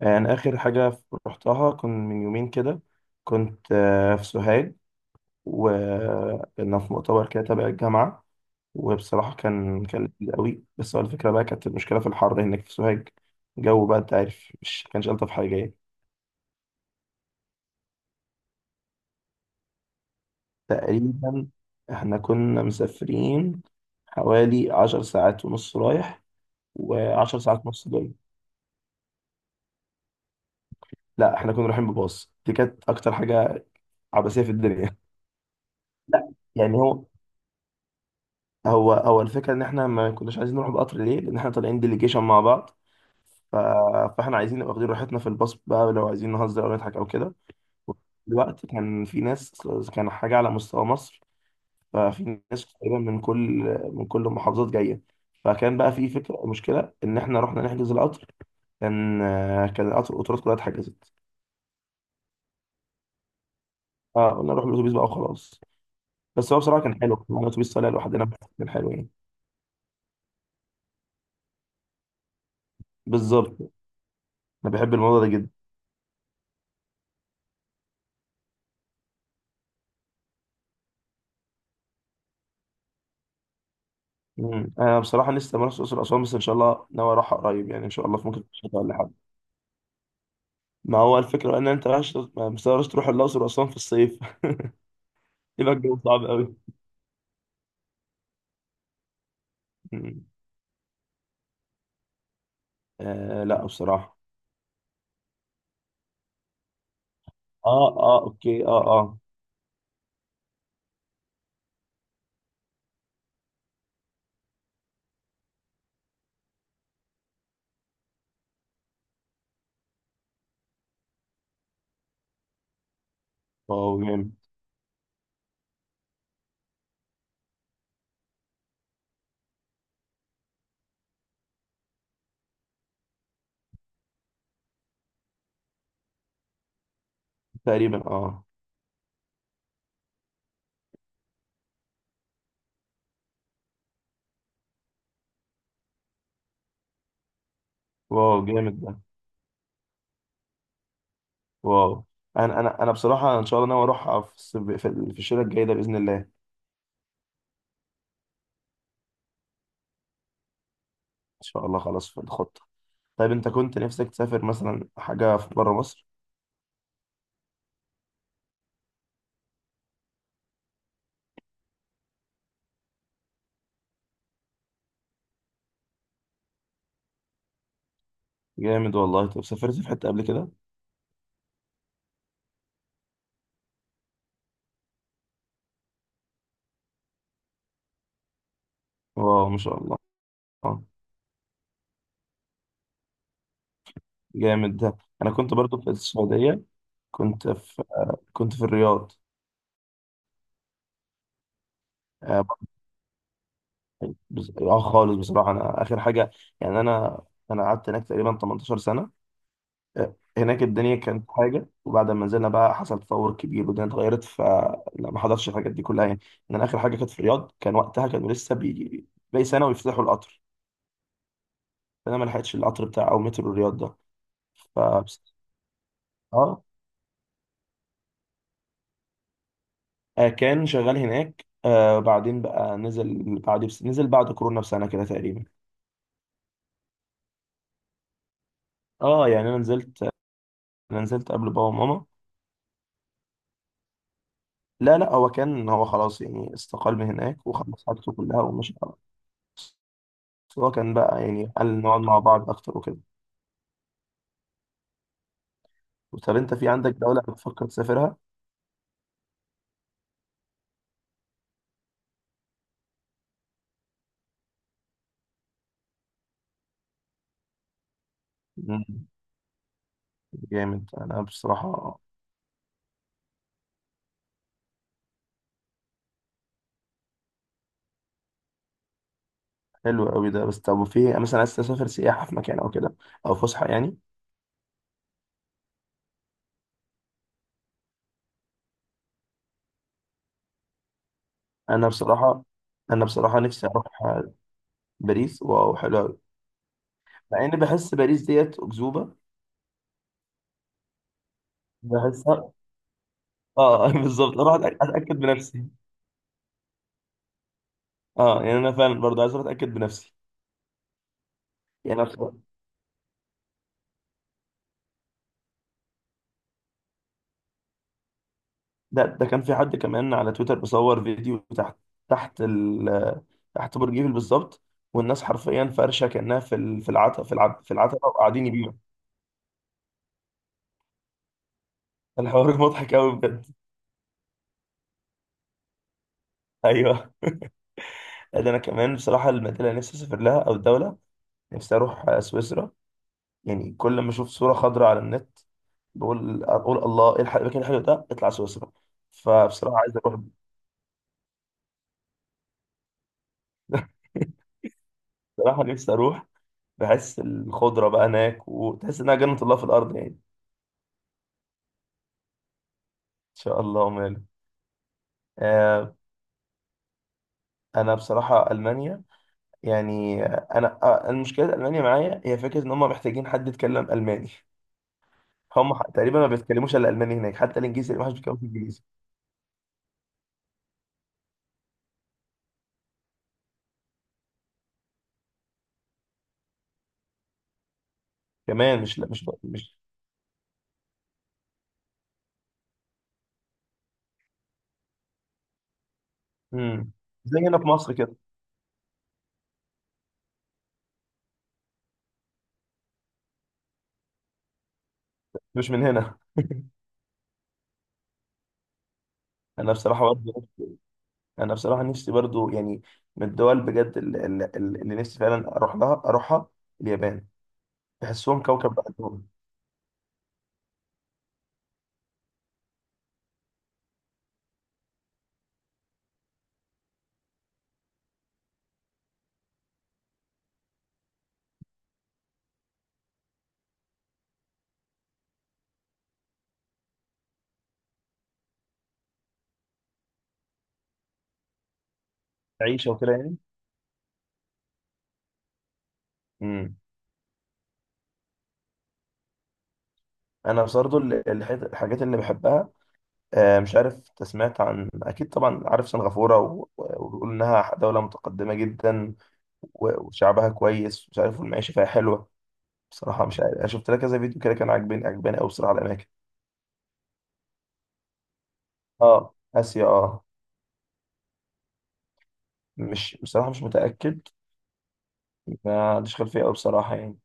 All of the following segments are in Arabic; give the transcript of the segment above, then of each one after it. يعني آخر حاجة رحتها كان من يومين كده. كنت في سوهاج، وكنا في مؤتمر كده تبع الجامعة. وبصراحة كان لذيذ قوي، بس هو الفكرة بقى كانت المشكلة في الحر هناك في سوهاج. الجو بقى أنت عارف مش كانش ألطف حاجة يعني. تقريبا إحنا كنا مسافرين حوالي 10 ساعات ونص رايح، وعشر ساعات ونص جاي. لا، إحنا كنا رايحين بباص. دي كانت أكتر حاجة عبثية في الدنيا. لا يعني، هو الفكره ان احنا ما كناش عايزين نروح بقطر، ليه؟ لان احنا طالعين ديليجيشن مع بعض. ف... فاحنا عايزين نبقى واخدين راحتنا في الباص بقى، لو عايزين نهزر او نضحك او كده. دلوقتي كان في ناس، كان حاجه على مستوى مصر. ففي ناس تقريبا من كل المحافظات جايه. فكان بقى في فكره مشكله ان احنا رحنا نحجز القطر. كان كان القطارات كلها اتحجزت. اه، قلنا نروح بالاتوبيس بقى وخلاص. بس هو بصراحه كان حلو، كان معانا اتوبيس طالع لوحدنا. كان حلو يعني. بالظبط، انا بحب الموضوع ده جدا. مم. انا بصراحه لسه ما رحتش الاقصر واسوان، بس ان شاء الله ناوي اروحها قريب يعني، ان شاء الله، في ممكن في الشتاء ولا حاجه. ما هو الفكره ان انت رايح، ما مستغربش تروح الاقصر واسوان في الصيف. يبقى الجو صعب قوي. مم. آه لا بصراحه. اه، اه، اوكي، اه، اه. واو جامد. تقريبا، اه. واو جامد ده. واو. انا بصراحه ان شاء الله ناوي اروحها في الصيف- في في الشتاء الجاي ده باذن الله ان شاء الله. خلاص في الخطه. طيب، انت كنت نفسك تسافر مثلا حاجه في بره مصر؟ جامد والله. طب سافرت في حته قبل كده؟ واو ما شاء الله. آه. جامد ده. انا كنت برضو في السعوديه. كنت في كنت في الرياض. اه. خالص بصراحه، انا اخر حاجه يعني. انا قعدت هناك تقريبا 18 سنه. هناك الدنيا كانت حاجه، وبعد ما نزلنا بقى حصل تطور كبير والدنيا اتغيرت، فلا ما حضرتش الحاجات دي كلها يعني. ان انا اخر حاجه كانت في الرياض، كان وقتها كانوا لسه باقي سنه ويفتحوا القطر. فانا ما لحقتش القطر بتاع او مترو الرياض ده. ف اه آه، كان شغال هناك. بعدين بقى نزل بعد كورونا بسنه كده تقريبا. اه يعني انا نزلت قبل بابا وماما. لا، لا، هو خلاص يعني، استقال من هناك وخلص حاجته كلها ومشي خلاص. بس هو كان بقى يعني، قال نقعد مع بعض اكتر وكده. طب انت في عندك دولة بتفكر تسافرها؟ مم. جامد. انا بصراحة حلو قوي ده. بس طب، وفي مثلا عايز تسافر سياحة في مكان او كده، او فسحة يعني؟ انا بصراحة انا بصراحة نفسي اروح باريس. واو، حلو قوي. مع اني بحس باريس ديت اكذوبة، بحسها. اه. بالظبط، اروح اتاكد بنفسي. اه يعني انا فعلا برضه عايز اتاكد بنفسي. يعني أنا- ده كان في حد كمان على تويتر بيصور فيديو تحت ال تحت برج ايفل بالظبط. والناس حرفيا فرشه كانها في العتبه وقاعدين يبيعوا. الحوار مضحك قوي بجد. ايوه. ده انا كمان بصراحه، المدينه اللي نفسي اسافر لها او الدوله، نفسي اروح سويسرا. يعني كل ما اشوف صوره خضراء على النت، اقول الله، إيه المكان الحلو ده؟ اطلع سويسرا. فبصراحه عايز اروح. بصراحه نفسي اروح، بحس الخضرة بقى هناك، وتحس إنها جنة الله في الأرض يعني. إن شاء الله وماله. آه. أنا بصراحة ألمانيا يعني، أنا المشكلة ألمانيا معايا هي فكرة إن هم محتاجين حد يتكلم ألماني. تقريبا ما بيتكلموش إلا ألماني هناك، حتى الإنجليزي ما حدش بيتكلم إنجليزي كمان. مش لا مش مش مم. زي هنا في مصر كده. مش من هنا. أنا بصراحة برضه أنا بصراحة نفسي برضه يعني، من الدول بجد اللي نفسي فعلا أروح لها أروحها، اليابان. بحسهم كوكب لوحدهم. عيشة وكده يعني. مم. انا برضه الحاجات اللي بحبها. مش عارف أنت سمعت عن، اكيد طبعا عارف، سنغافوره، وبيقول انها دوله متقدمه جدا، وشعبها كويس مش عارف، والمعيشه فيها حلوه. بصراحه مش عارف، انا شفت لها كذا فيديو كده كان عاجباني قوي بصراحه الاماكن. اه، اسيا، اه. مش بصراحه مش متاكد. ما عنديش خلفيه قوي بصراحه يعني.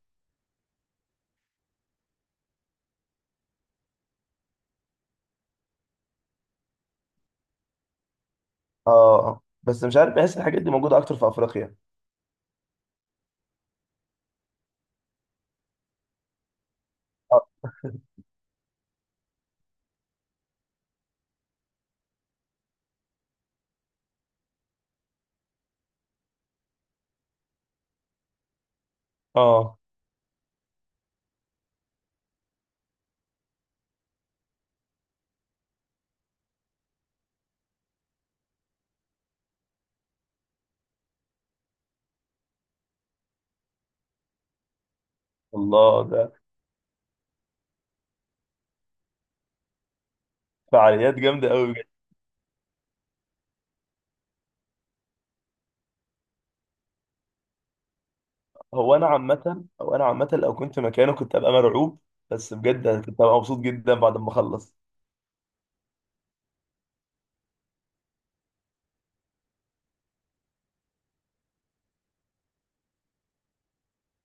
اه بس مش عارف، بحس الحاجات دي موجوده اكتر في افريقيا. اه. آه. الله، ده فعاليات جامده قوي. هو انا عامه، لو كنت مكانه كنت ابقى مرعوب. بس بجد كنت ابقى مبسوط جدا بعد ما اخلص.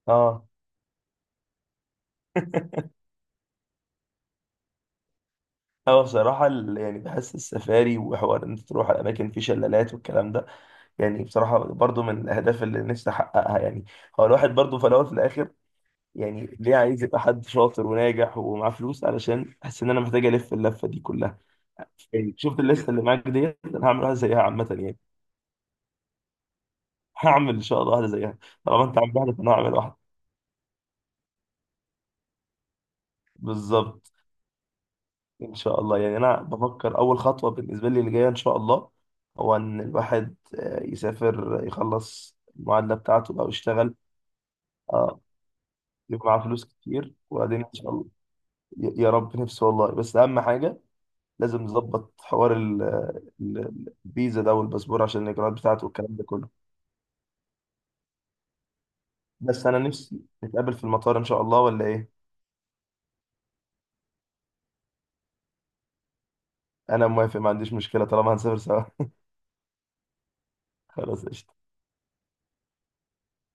اه. هو بصراحه يعني بحس السفاري وحوار ان انت تروح على اماكن في شلالات والكلام ده، يعني بصراحه برضو من الاهداف اللي نفسي احققها يعني. هو الواحد برضو في الاول وفي الاخر، يعني ليه عايز يبقى حد شاطر وناجح ومعاه فلوس؟ علشان احس ان انا محتاج الف اللفه دي كلها. يعني، شفت الليسته اللي معاك ديت، انا هعمل واحده زيها عامه يعني. هعمل ان شاء الله واحده زيها. طالما انت عامل واحده فانا هعمل واحده. بالظبط. ان شاء الله يعني، انا بفكر اول خطوه بالنسبه لي اللي جايه ان شاء الله، هو ان الواحد يسافر، يخلص المعادله بتاعته بقى ويشتغل. اه. يبقى معاه فلوس كتير، وبعدين ان شاء الله. يا رب، نفسي والله، بس اهم حاجه لازم نظبط حوار الفيزا ده والباسبور، عشان الاجراءات بتاعته والكلام ده كله. بس انا نفسي نتقابل في المطار ان شاء الله، ولا ايه؟ انا موافق، ما عنديش مشكله طالما هنسافر سوا. خلاص قشطة.